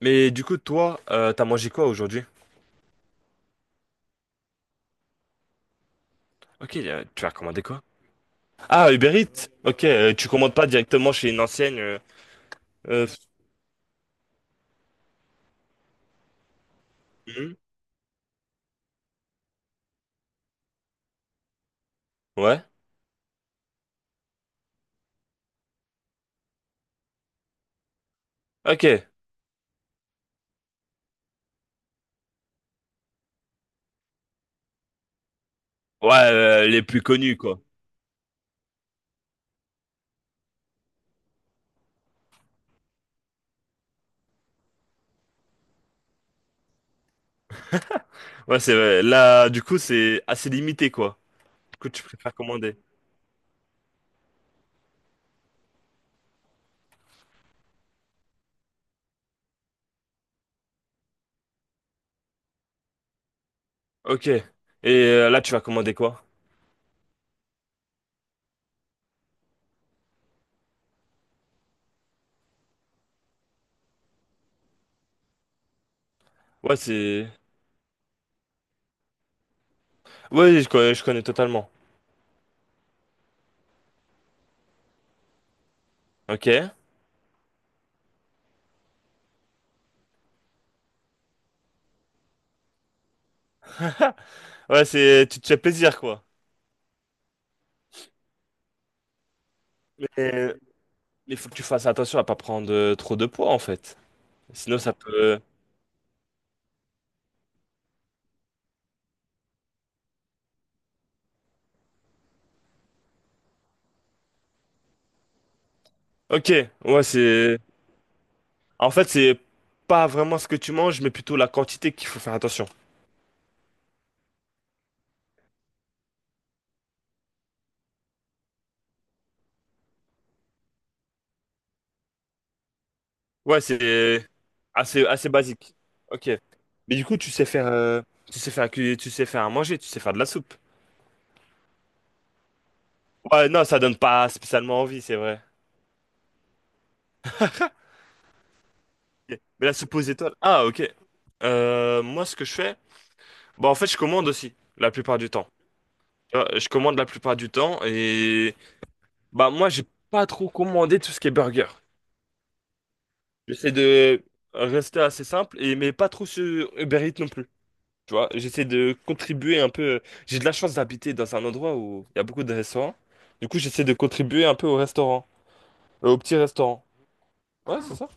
Mais du coup, toi, t'as mangé quoi aujourd'hui? Ok, tu as commandé quoi? Ah, Uber Eats. Ok, tu commandes pas directement chez une ancienne. Euh, mhm. Ouais. Ok. Ouais, les plus connus quoi. Ouais, c'est vrai. Là, du coup, c'est assez limité quoi. Du coup, tu préfères commander. Ok. Et là, tu vas commander quoi? Ouais, c'est. Ouais, je connais totalement. Ok. Ouais, c'est, tu te fais plaisir quoi. Mais il faut que tu fasses attention à pas prendre trop de poids en fait. Sinon, ça peut. euh, Ok. Ouais, c'est. En fait, c'est pas vraiment ce que tu manges, mais plutôt la quantité qu'il faut faire attention. Ouais, c'est assez basique. Ok. Mais du coup, tu sais faire, tu sais faire à tu sais faire à manger, tu sais faire de la soupe. Ouais, non, ça donne pas spécialement envie, c'est vrai. Ok. Mais la soupe aux étoiles. Ah, ok. Moi, ce que je fais, bah, en fait, je commande aussi, la plupart du temps. Tu vois, je commande la plupart du temps et, bah, moi, j'ai pas trop commandé tout ce qui est burger. J'essaie de rester assez simple et, mais pas trop sur Uber Eats non plus. Tu vois, j'essaie de contribuer un peu. J'ai de la chance d'habiter dans un endroit où il y a beaucoup de restaurants. Du coup, j'essaie de contribuer un peu au restaurant, au petit restaurant. Ouais, c'est ça?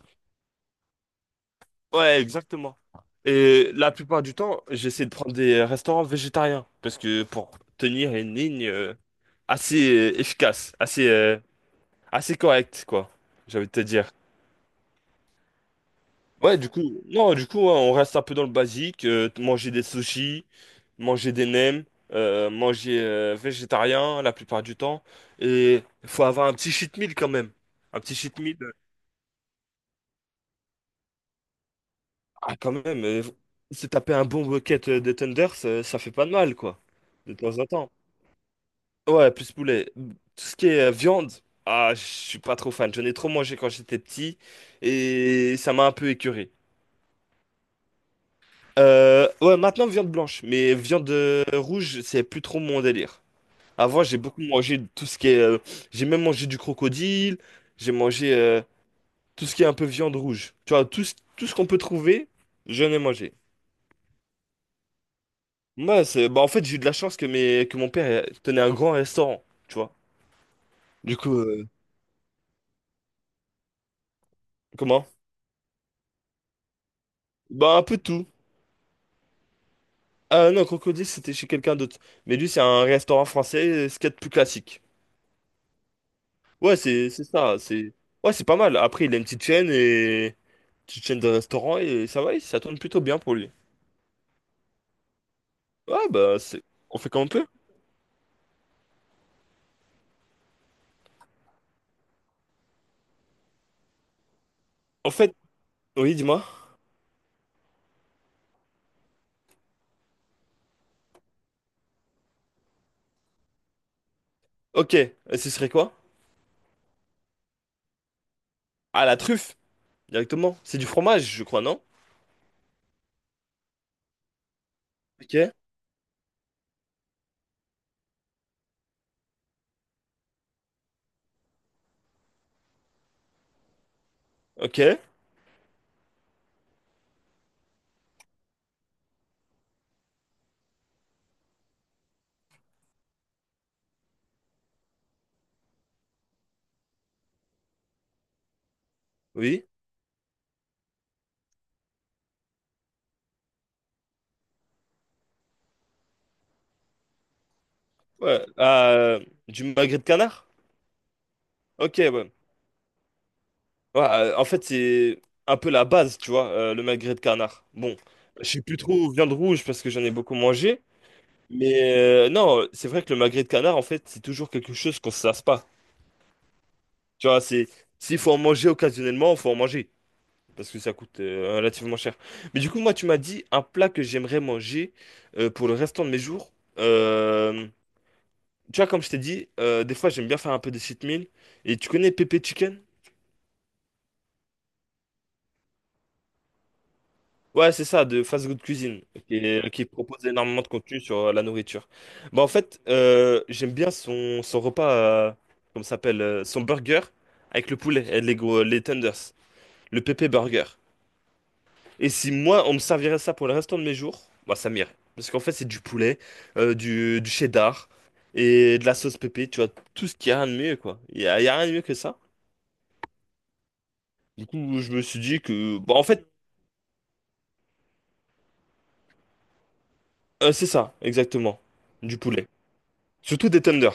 Ouais, exactement. Et la plupart du temps, j'essaie de prendre des restaurants végétariens parce que pour tenir une ligne assez efficace, assez correcte, quoi. J'ai envie de te dire. Ouais, du coup, non, du coup, hein, on reste un peu dans le basique, manger des sushis, manger des nems, manger végétarien la plupart du temps, et faut avoir un petit cheat meal quand même, un petit cheat meal, ah quand même, se taper un bon bucket de tenders, ça fait pas de mal quoi, de temps en temps. Ouais, plus poulet, tout ce qui est viande, ah, je suis pas trop fan, j'en ai trop mangé quand j'étais petit, et ça m'a un peu écœuré. Ouais, maintenant viande blanche, mais viande rouge, c'est plus trop mon délire. Avant, j'ai beaucoup mangé de tout ce qui est. J'ai même mangé du crocodile, j'ai mangé tout ce qui est un peu viande rouge. Tu vois, tout, tout ce qu'on peut trouver, je ai mangé. Moi, c'est, bah, en fait, j'ai eu de la chance que, que mon père tenait un grand restaurant, tu vois. Du coup, comment? Bah, un peu de tout. Ah non, crocodile, c'était chez quelqu'un d'autre. Mais lui, c'est un restaurant français, ce qu'il y a de plus classique. Ouais, c'est ça, c'est. Ouais, c'est pas mal. Après, il a une petite chaîne et. Petite chaîne de restaurant et ça va, ça tourne plutôt bien pour lui. Ouais, bah, c'est... on fait comme on peut. En fait, oui, dis-moi. Ok, et ce serait quoi? Ah, la truffe, directement. C'est du fromage, je crois, non? Ok, ok, oui. Ouais, du magret de canard? Ok, ouais. Ouais, en fait, c'est un peu la base, tu vois, le magret de canard. Bon, je sais plus trop viande rouge parce que j'en ai beaucoup mangé. Mais non, c'est vrai que le magret de canard, en fait, c'est toujours quelque chose qu'on se lasse pas. Tu vois, c'est s'il faut en manger occasionnellement, faut en manger parce que ça coûte relativement cher. Mais du coup, moi, tu m'as dit un plat que j'aimerais manger pour le restant de mes jours. Tu vois, comme je t'ai dit, des fois, j'aime bien faire un peu de cheat meal. Et tu connais Pépé Chicken? Ouais, c'est ça, de Fast Good Cuisine, qui propose énormément de contenu sur la nourriture. Bah, en fait, j'aime bien son repas, euh, comment ça s'appelle, son burger avec le poulet et les tenders, le Pépé Burger. Et si moi, on me servirait ça pour le restant de mes jours, bah ça m'irait. Parce qu'en fait, c'est du poulet, du cheddar et de la sauce pépé, tu vois, tout ce qu'il y a rien de mieux, quoi. Il y a rien de mieux que ça. Du coup, je me suis dit que... bah en fait, c'est ça, exactement. Du poulet. Surtout des tenders.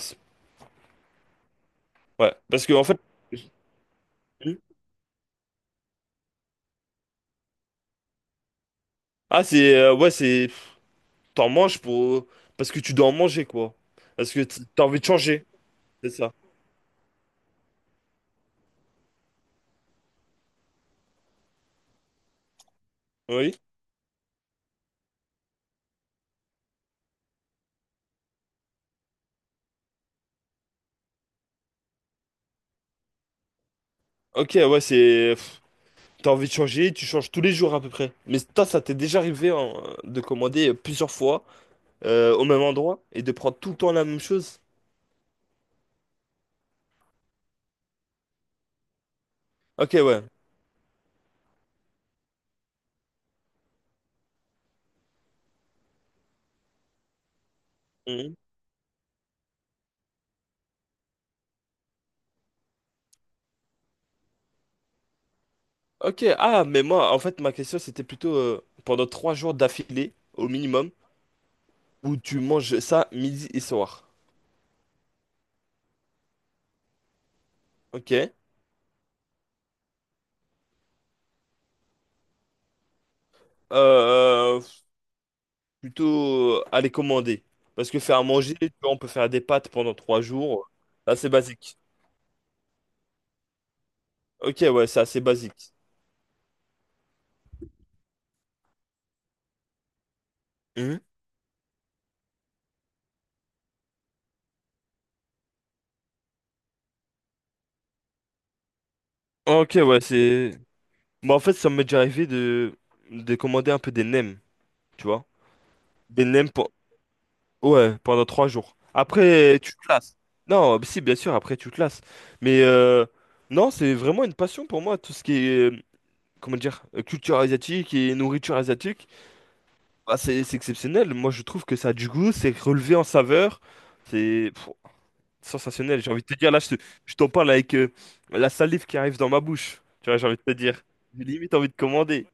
Ouais, parce que en fait... Ah, c'est... ouais, c'est... T'en manges pour... Parce que tu dois en manger, quoi. Parce que t'as envie de changer, c'est ça. Oui. Ok, ouais, c'est... T'as envie de changer, tu changes tous les jours à peu près. Mais toi, ça t'est déjà arrivé hein, de commander plusieurs fois au même endroit et de prendre tout le temps la même chose? Ok, ouais. Mhm. Ok, ah, mais moi, en fait, ma question, c'était plutôt pendant trois jours d'affilée, au minimum, où tu manges ça midi et soir. Ok. Euh, plutôt aller commander. Parce que faire à manger, tu vois, on peut faire des pâtes pendant trois jours. Là, c'est basique. Ok, ouais, c'est assez basique. Mhm. Ok, ouais, c'est... Bah, en fait, ça m'est déjà arrivé de commander un peu des nems, tu vois. Des nems pour... ouais, pendant trois jours. Après, tu te lasses. Non, bah si, bien sûr, après, tu te lasses. Mais non, c'est vraiment une passion pour moi, tout ce qui est, comment dire, culture asiatique et nourriture asiatique. Bah, c'est exceptionnel. Moi, je trouve que ça a du goût, c'est relevé en saveur. C'est pff, sensationnel. J'ai envie de te dire, là, je t'en parle avec la salive qui arrive dans ma bouche. Tu vois, j'ai envie de te dire. J'ai limite envie de commander.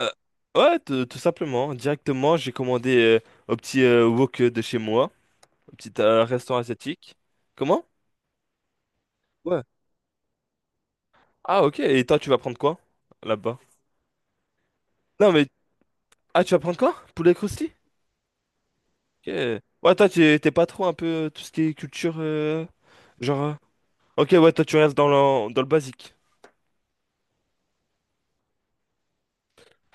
Euh, ouais, tout, tout simplement. Directement, j'ai commandé au petit wok de chez moi, au petit restaurant asiatique. Comment? Ouais. Ah, ok. Et toi, tu vas prendre quoi là-bas? Non, mais. Ah, tu vas prendre quoi? Poulet croustille? Ok. Ouais, toi, t'es pas trop un peu tout ce qui est culture. Genre. Ok, ouais, toi, tu restes dans le basique.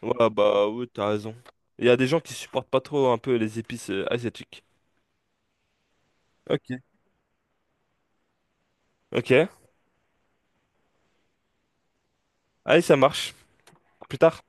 Ouais, bah, oui, t'as raison. Il y a des gens qui supportent pas trop un peu les épices asiatiques. Ok. Ok. Allez, ça marche. À plus tard.